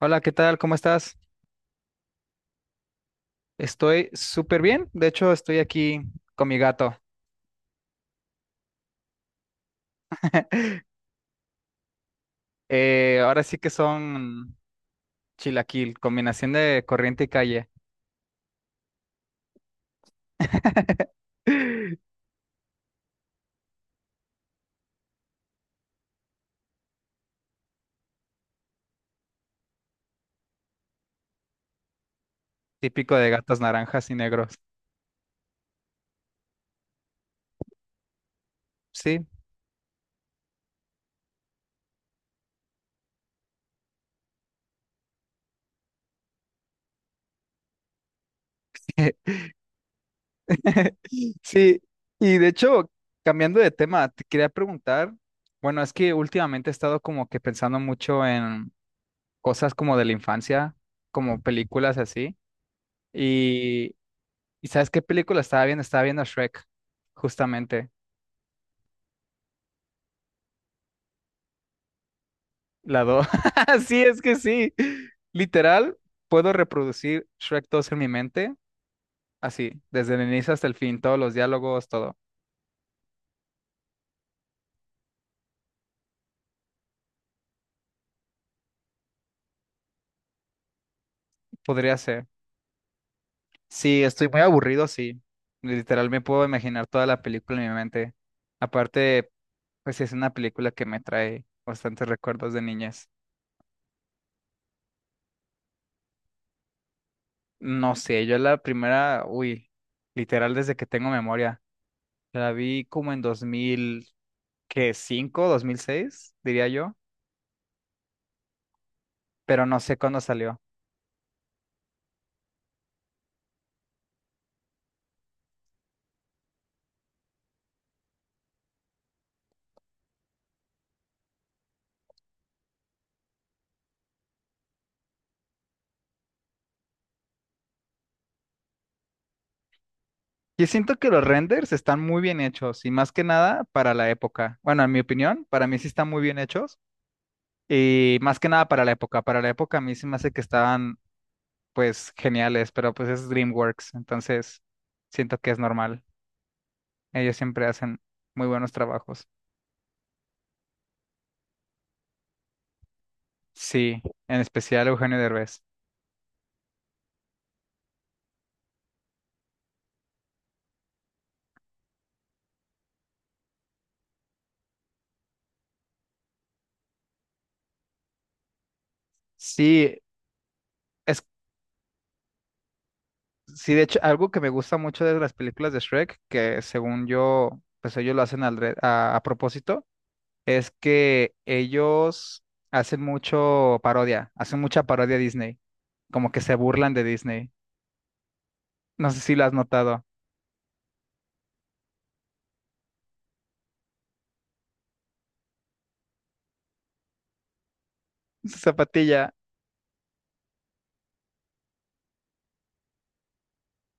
Hola, ¿qué tal? ¿Cómo estás? Estoy súper bien. De hecho, estoy aquí con mi gato. Ahora sí que son chilaquil, combinación de corriente y calle. Típico de gatos naranjas y negros. Sí. Sí. Y de hecho, cambiando de tema, te quería preguntar, bueno, es que últimamente he estado como que pensando mucho en cosas como de la infancia, como películas así. Y ¿Y sabes qué película estaba viendo? Estaba viendo Shrek, justamente, la dos. Sí, es que sí. Literal, puedo reproducir Shrek dos en mi mente, así, desde el inicio hasta el fin, todos los diálogos, todo. Podría ser. Sí, estoy muy aburrido, sí. Literal, me puedo imaginar toda la película en mi mente. Aparte, pues sí, es una película que me trae bastantes recuerdos de niñez. No sé, yo la primera, uy, literal desde que tengo memoria. La vi como en que cinco 2006 diría yo, pero no sé cuándo salió. Yo siento que los renders están muy bien hechos y más que nada para la época. Bueno, en mi opinión, para mí sí están muy bien hechos y más que nada para la época. Para la época a mí sí me hace que estaban pues geniales, pero pues es DreamWorks, entonces siento que es normal. Ellos siempre hacen muy buenos trabajos. Sí, en especial Eugenio Derbez. Sí, es. Sí, de hecho, algo que me gusta mucho de las películas de Shrek, que según yo, pues ellos lo hacen a propósito, es que ellos hacen mucho parodia, hacen mucha parodia a Disney, como que se burlan de Disney. No sé si lo has notado. Su zapatilla,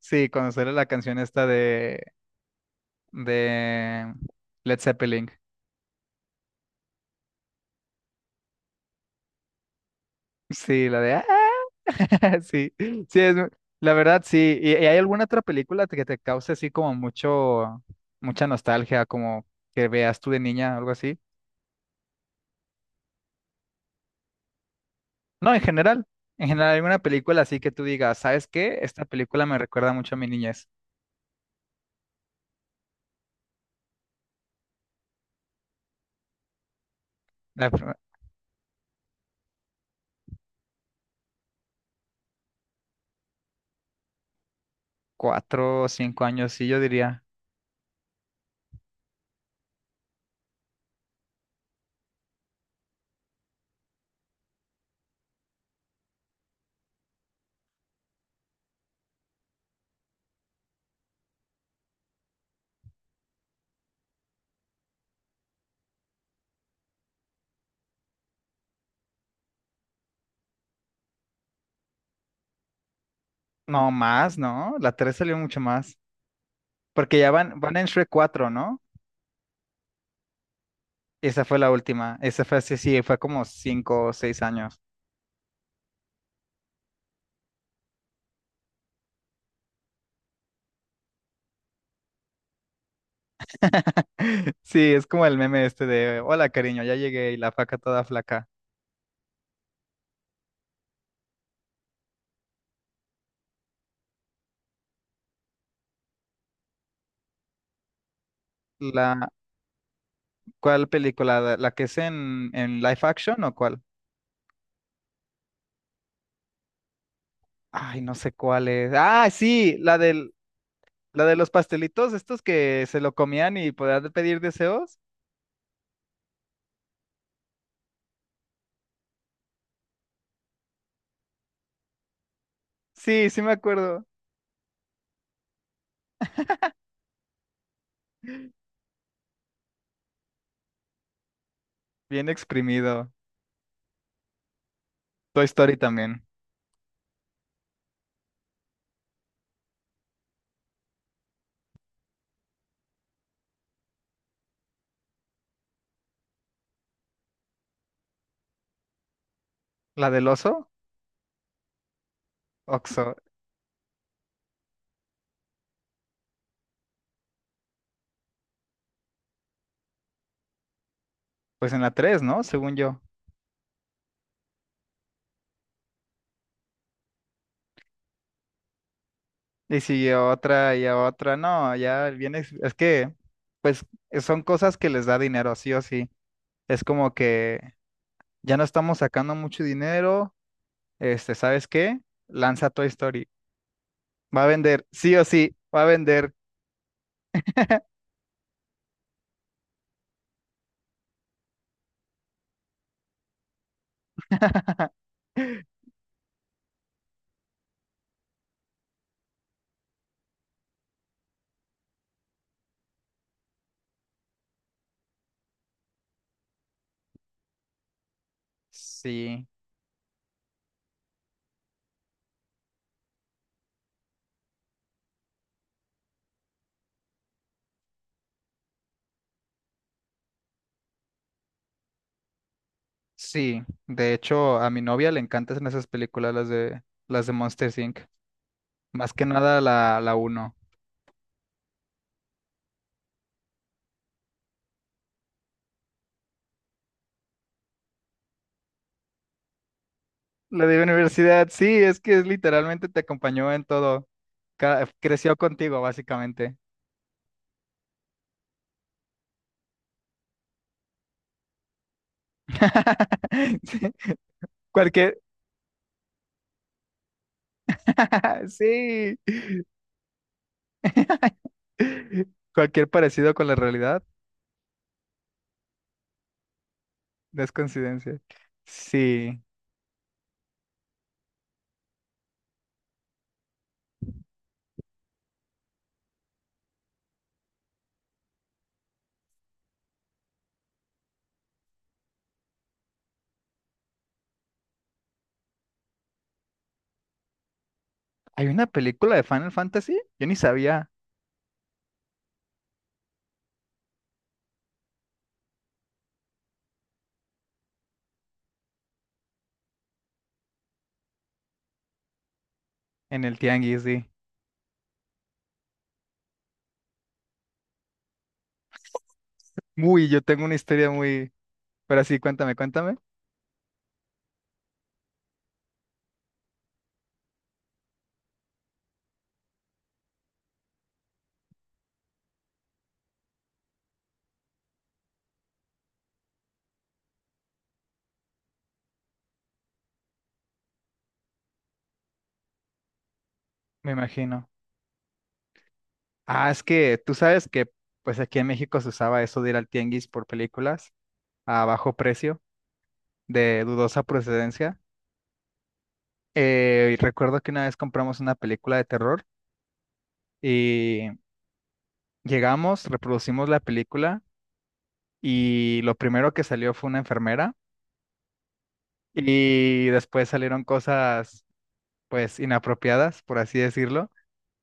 sí, cuando sale la canción esta de Led Zeppelin. Sí, la de... "Ah, sí, sí, es, la verdad, sí. Y hay alguna otra película que te cause así como mucho, mucha nostalgia, como que veas tú de niña, algo así? No, en general, alguna película así que tú digas, ¿sabes qué? Esta película me recuerda mucho a mi niñez. La pr- cuatro o cinco años, sí, yo diría. No, más, ¿no? La tres salió mucho más. Porque ya van, van en Shrek cuatro, ¿no? Esa fue la última. Esa fue así, sí, fue como cinco o seis años. Sí, es como el meme este de, hola cariño, ya llegué y la faca toda flaca. La, ¿cuál película? ¿La que es en live action, ¿o cuál? Ay, no sé cuál es. Ah, sí, la del, la de los pastelitos, estos que se lo comían y podían pedir deseos. Sí, sí me acuerdo. Bien exprimido. Toy Story también. La del oso, Oxo. Pues en la 3, ¿no? Según yo. Y siguió otra y otra. No, ya bien. Es que, pues, son cosas que les da dinero, sí o sí. Es como que ya no estamos sacando mucho dinero. Este, ¿sabes qué? Lanza Toy Story. Va a vender, sí o sí, va a vender. Sí, sí. De hecho, a mi novia le encantan esas películas, las de Monsters Inc. Más que nada la, la uno. La de universidad, sí, es que es literalmente te acompañó en todo. Creció contigo, básicamente. Sí, cualquier, sí, cualquier parecido con la realidad no es coincidencia. Sí. Hay una película de Final Fantasy. Yo ni sabía. En el tianguis, sí. Uy, yo tengo una historia muy... Pero sí, cuéntame, cuéntame. Me imagino. Ah, es que tú sabes que pues aquí en México se usaba eso de ir al tianguis por películas a bajo precio, de dudosa procedencia. Y recuerdo que una vez compramos una película de terror y llegamos, reproducimos la película y lo primero que salió fue una enfermera. Y después salieron cosas pues inapropiadas, por así decirlo.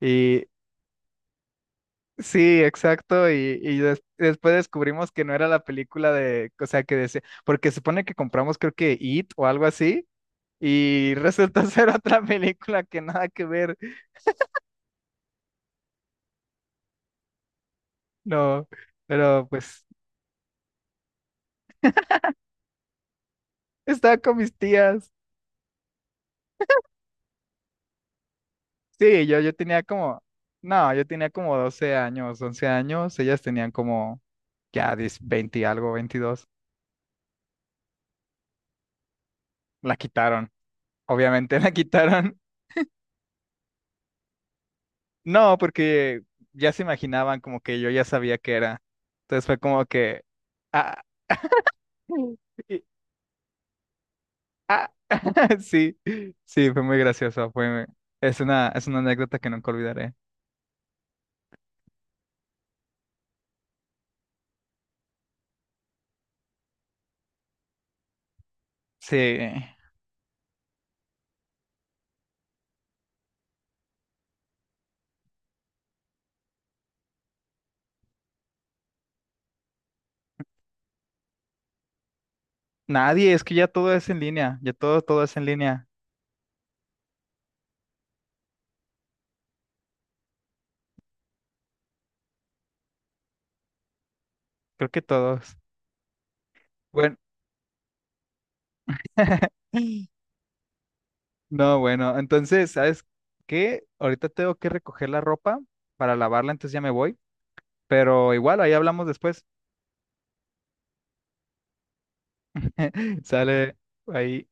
Y sí, exacto. Y después descubrimos que no era la película de, o sea, que decía, porque supone que compramos creo que It o algo así, y resultó ser otra película que nada que ver. No, pero pues estaba con mis tías. Sí, yo tenía como, no, yo tenía como 12 años, 11 años, ellas tenían como ya 10, 20 y algo, 22. La quitaron, obviamente, la quitaron. No, porque ya se imaginaban como que yo ya sabía que era. Entonces fue como que... Ah, y- ah, sí, sí, fue muy gracioso. Fue, es una anécdota que nunca olvidaré. Sí, nadie, es que ya todo es en línea, ya todo, todo es en línea. Creo que todos. Bueno, no, bueno, entonces, ¿sabes qué? Ahorita tengo que recoger la ropa para lavarla, entonces ya me voy. Pero igual, ahí hablamos después. Sale ahí.